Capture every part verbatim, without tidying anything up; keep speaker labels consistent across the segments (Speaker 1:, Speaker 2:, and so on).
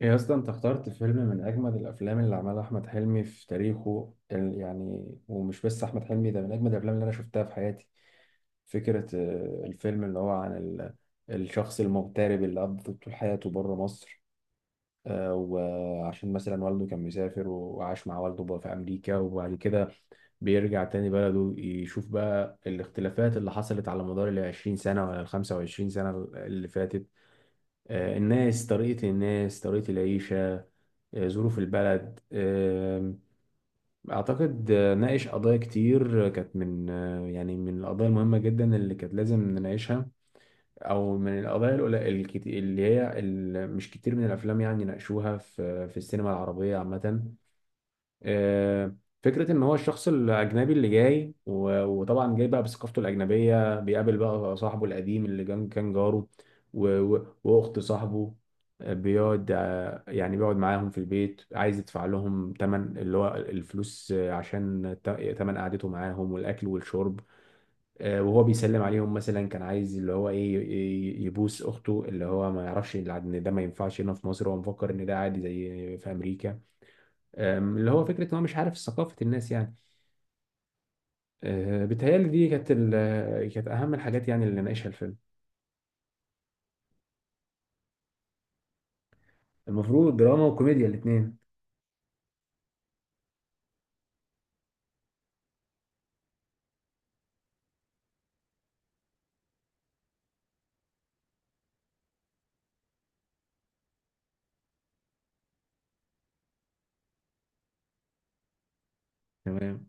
Speaker 1: يا اسطى انت اخترت فيلم من اجمد الافلام اللي عملها احمد حلمي في تاريخه ال- يعني ومش بس احمد حلمي ده من اجمد الافلام اللي انا شفتها في حياتي. فكرة آه، الفيلم اللي هو عن ال- الشخص المغترب اللي قضى طول حياته بره مصر. آه، وعشان مثلا والده كان مسافر وعاش مع والده بقى في أمريكا، وبعد كده بيرجع تاني بلده يشوف بقى الاختلافات اللي حصلت على مدار ال عشرين سنة ولا ال خمسة وعشرين سنة اللي فاتت. آه، الناس طريقة الناس طريقة العيشة، آه، ظروف البلد. آه، أعتقد آه، ناقش قضايا كتير، كانت من آه، يعني من القضايا المهمة جدا اللي كانت لازم نناقشها، أو من القضايا القليلة الكت- اللي هي ال- مش كتير من الأفلام يعني ناقشوها في في السينما العربية عامة. آه، فكرة إن هو الشخص الأجنبي اللي جاي و- وطبعا جاي بقى بثقافته الأجنبية، بيقابل بقى صاحبه القديم اللي كان كان جاره و- و- وأخت صاحبه. آه، بيقعد آه، يعني بيقعد معاهم في البيت، عايز يدفع لهم تمن اللي هو الفلوس آه، عشان ت- تمن قعدته معاهم والأكل والشرب. آه، وهو بيسلم عليهم، مثلا كان عايز اللي هو إيه ي- يبوس أخته، اللي هو ما يعرفش إن ده ما ينفعش هنا في مصر، هو مفكر إن ده عادي زي في أمريكا. أم، اللي هو فكره ان هو مش عارف ثقافه الناس يعني. أه، بتهيألي دي كانت ال- كانت اهم الحاجات يعني اللي ناقشها الفيلم. المفروض دراما وكوميديا الاثنين. تمام.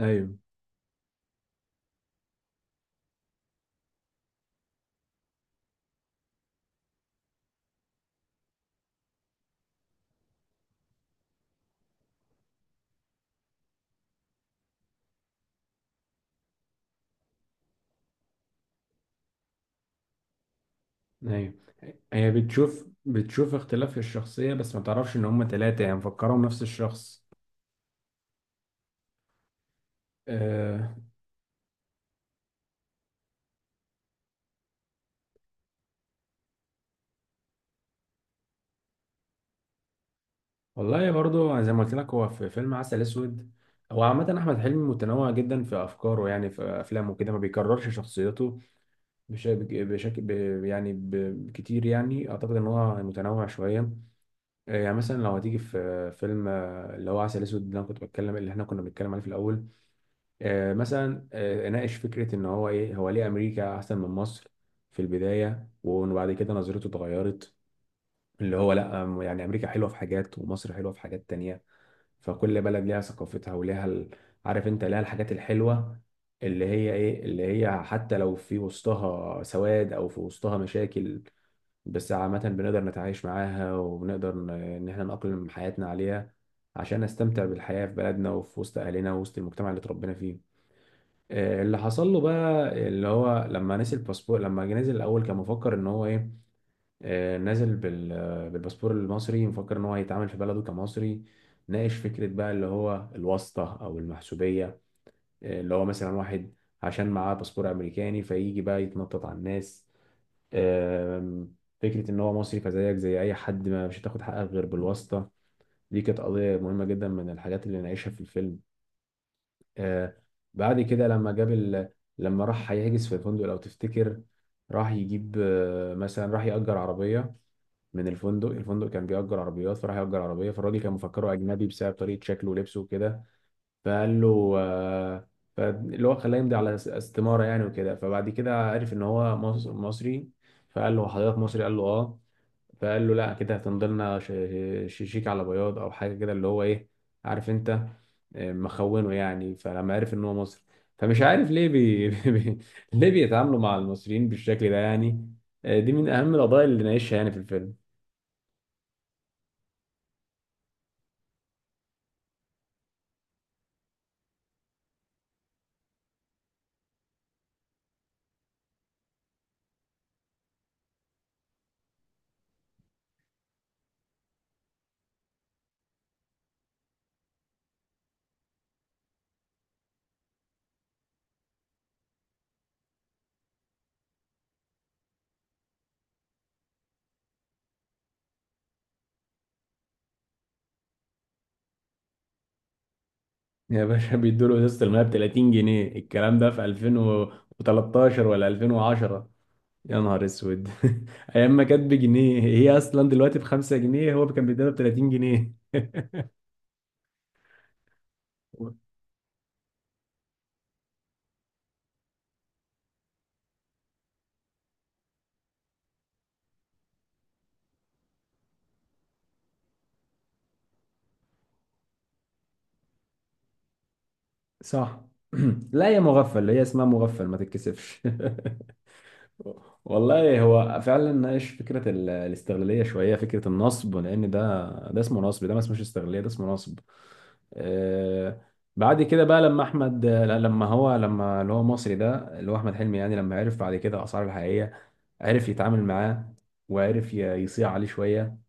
Speaker 1: ايوه، ايوه، هي بتشوف بتشوف اختلاف في الشخصيه، بس ما تعرفش ان هم ثلاثه، يعني مفكرهم نفس الشخص. أه والله برضو زي ما قلت لك، هو في فيلم عسل اسود. هو عامة أحمد حلمي متنوع جدا في أفكاره، يعني في أفلامه كده ما بيكررش شخصيته بشكل بشكل ب- يعني ب- كتير يعني، أعتقد إن هو متنوع شوية. آه، يعني مثلا لو هتيجي في فيلم آه، اللي هو عسل اسود، اللي انا كنت بتكلم اللي احنا كنا بنتكلم عليه في الاول. آه، مثلا آه، اناقش فكره ان هو ايه، هو ليه امريكا احسن من مصر في البدايه، وبعد كده نظرته اتغيرت. اللي هو لا، آم، يعني امريكا حلوه في حاجات، ومصر حلوه في حاجات تانية. فكل بلد ليها ثقافتها وليها ال- عارف انت، ليها الحاجات الحلوه. اللي هي ايه، اللي هي حتى لو في وسطها سواد او في وسطها مشاكل، بس عامة بنقدر نتعايش معاها وبنقدر ن- إن إحنا نأقلم حياتنا عليها، عشان نستمتع بالحياة في بلدنا وفي وسط أهلنا ووسط المجتمع اللي اتربينا فيه. آه، اللي حصل له بقى، اللي هو لما نزل الباسبور، لما جه نزل الأول كان مفكر إن هو إيه. آه، نازل بال- آه، بالباسبور المصري، مفكر إن هو هيتعامل في بلده كمصري. ناقش فكرة بقى اللي هو الواسطة أو المحسوبية. آه، اللي هو مثلا واحد عشان معاه باسبور أمريكاني، فيجي بقى يتنطط على الناس. آم، فكرة إن هو مصري فزيك زي أي حد، ما مش هتاخد حقك غير بالواسطة. دي كانت قضية مهمة جدا من الحاجات اللي نعيشها في الفيلم. آه، بعد كده لما جاب ال... لما راح هيحجز في الفندق، لو تفتكر، راح يجيب آه، مثلا، راح يأجر عربية من الفندق. الفندق كان بيأجر عربيات، فراح يأجر عربية، فالراجل كان مفكره أجنبي بسبب طريقة شكله ولبسه وكده. فقال له آه، فاللي هو خلاه يمضي على استمارة يعني وكده، فبعد كده عرف إن هو مص- مصري. فقال له حضرتك مصري؟ قال له اه. فقال له لا كده هتنضلنا ش- ش- شيك على بياض او حاجه كده، اللي هو ايه، عارف انت، آه، مخونه يعني. فلما عرف ان هو مصري، فمش عارف ليه بي... بي... ليه بيتعاملوا مع المصريين بالشكل ده يعني؟ آه، دي من اهم القضايا اللي نعيشها يعني في الفيلم. يا باشا بيدوا له ازازه الميه ب تلاتين جنيه، الكلام ده في ألفين وتلتاشر ولا ألفين وعشرة؟ يا نهار اسود. ايام ما كانت بجنيه، هي اصلا دلوقتي ب خمسة جنيه، هو كان بيديها ب ثلاثين جنيه. صح. لا يا مغفل، هي اسمها مغفل، ما تتكسفش. والله هو فعلا ناقش فكره ال- الاستغلاليه شويه، فكره النصب، لان ده ده اسمه نصب، ده ما اسمهش استغلاليه، ده اسمه نصب. آه. بعد كده بقى لما احمد لا، لما هو لما اللي هو مصري ده، اللي هو احمد حلمي يعني، لما عرف بعد كده اسعار الحقيقيه، عرف يتعامل معاه، وعرف ي- يصيع عليه شويه.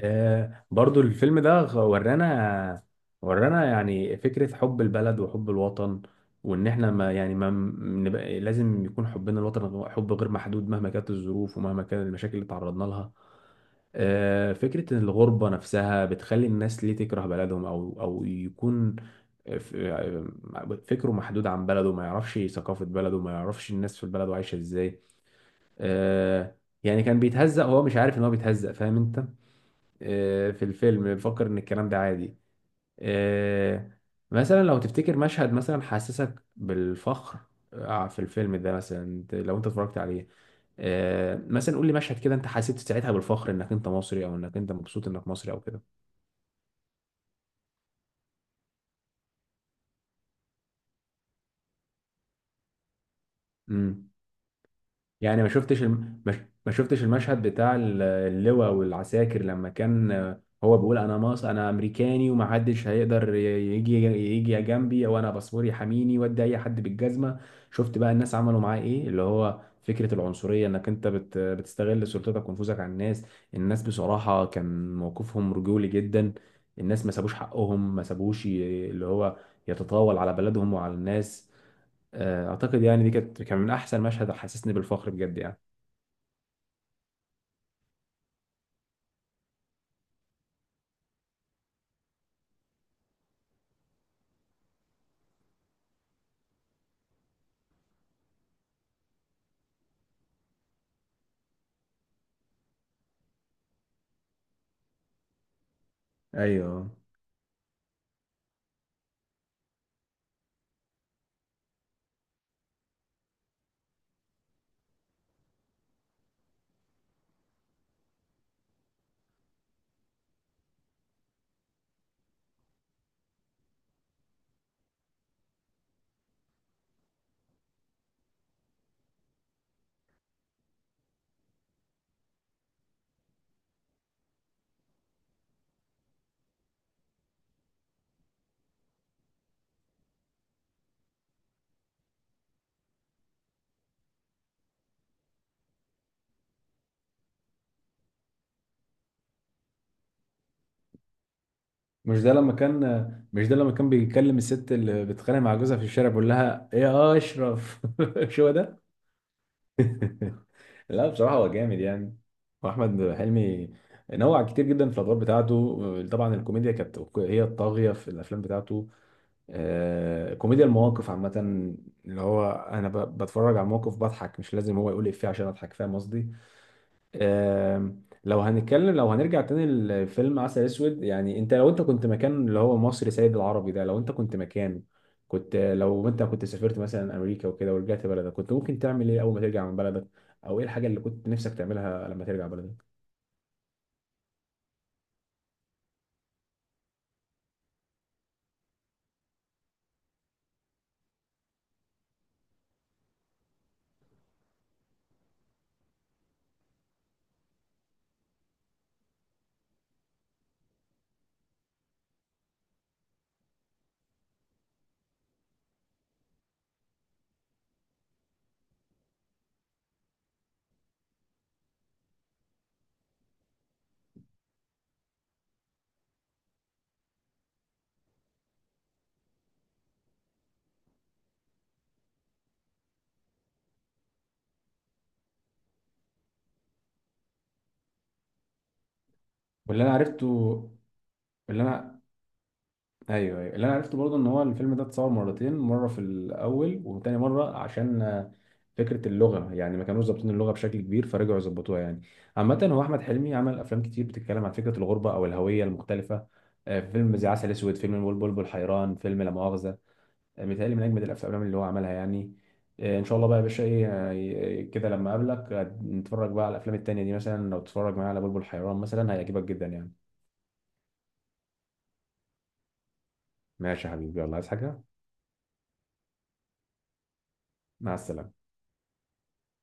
Speaker 1: آه، برضو الفيلم ده غ- ورانا ورانا يعني فكرة حب البلد وحب الوطن، وإن إحنا ما يعني ما م- نبقى لازم يكون حبنا للوطن غ- حب غير محدود مهما كانت الظروف ومهما كانت المشاكل اللي تعرضنا لها. آه، فكرة إن الغربة نفسها بتخلي الناس ليه تكره بلدهم أو أو يكون ف- آه، فكره محدود عن بلده، ما يعرفش ثقافة بلده، ما يعرفش الناس في بلده عايشة إزاي. آه، يعني كان بيتهزق، هو مش عارف إن هو بيتهزق، فاهم أنت؟ آه، في الفيلم بفكر ان الكلام ده عادي. آه، مثلا لو تفتكر مشهد مثلا حسسك بالفخر، آه، في الفيلم ده، مثلا انت- لو انت اتفرجت عليه، آه، مثلا قول لي مشهد كده انت حسيت ساعتها بالفخر انك انت مصري، او انك انت مبسوط انك مصري او كده يعني. ما شفتش الم... ما ش- ما شفتش المشهد بتاع ال- اللواء والعساكر، لما كان آه، هو بيقول انا مص انا امريكاني، ومحدش هيقدر ي- يجي يجي جنبي، او انا باسبوري حميني، ودي اي حد بالجزمه. شفت بقى الناس عملوا معاه ايه، اللي هو فكره العنصريه، انك انت بت... بتستغل سلطتك ونفوذك على الناس. الناس بصراحه كان موقفهم رجولي جدا، الناس ما سابوش حقهم، ما سابوش ي- اللي هو يتطاول على بلدهم وعلى الناس. آه، اعتقد يعني دي كانت، كان من احسن مشهد حسسني بالفخر بجد يعني. ايوه. مش ده لما كان مش ده لما كان بيكلم الست اللي بتتخانق مع جوزها في الشارع، بيقول لها ايه يا اشرف؟ مش هو ده؟ لا بصراحة هو جامد يعني. وأحمد حلمي نوع كتير جدا في الأدوار بتاعته، طبعا الكوميديا كانت هي الطاغية في الأفلام بتاعته. آه، كوميديا المواقف عامة، اللي هو أنا ب- بتفرج على الموقف بضحك، مش لازم هو يقول إفيه عشان أضحك، فاهم قصدي؟ آم، لو هنتكلم لو هنرجع تاني لفيلم عسل اسود، يعني انت لو انت كنت مكان اللي هو مصري سيد العربي ده، لو انت كنت مكانه، كنت لو انت كنت سافرت مثلا امريكا وكده ورجعت بلدك، كنت ممكن تعمل ايه اول ما ترجع من بلدك؟ او ايه الحاجه اللي كنت نفسك تعملها لما ترجع بلدك؟ واللي انا عرفته اللي انا ايوه، ايوه، اللي انا عرفته برضه ان هو الفيلم ده اتصور مرتين، مره في الاول وتاني مره عشان آه، فكره اللغه، يعني ما كانوش ظابطين اللغه بشكل كبير فرجعوا يظبطوها يعني. عامه هو احمد حلمي عمل افلام كتير بتتكلم عن فكره الغربه او الهويه المختلفه، آه، فيلم زي عسل اسود، فيلم البلبل والحيران، فيلم لا مؤاخذه. آه، متهيألي من اجمد الافلام اللي هو عملها يعني. آه، ان شاء الله بقى يا باشا، ايه آه، كده لما اقابلك آه، نتفرج بقى على الافلام التانيه دي، مثلا لو تتفرج معايا على بلبل حيران مثلا هيعجبك جدا يعني. ماشي يا حبيبي، يلا، عايز حاجه؟ مع السلامه.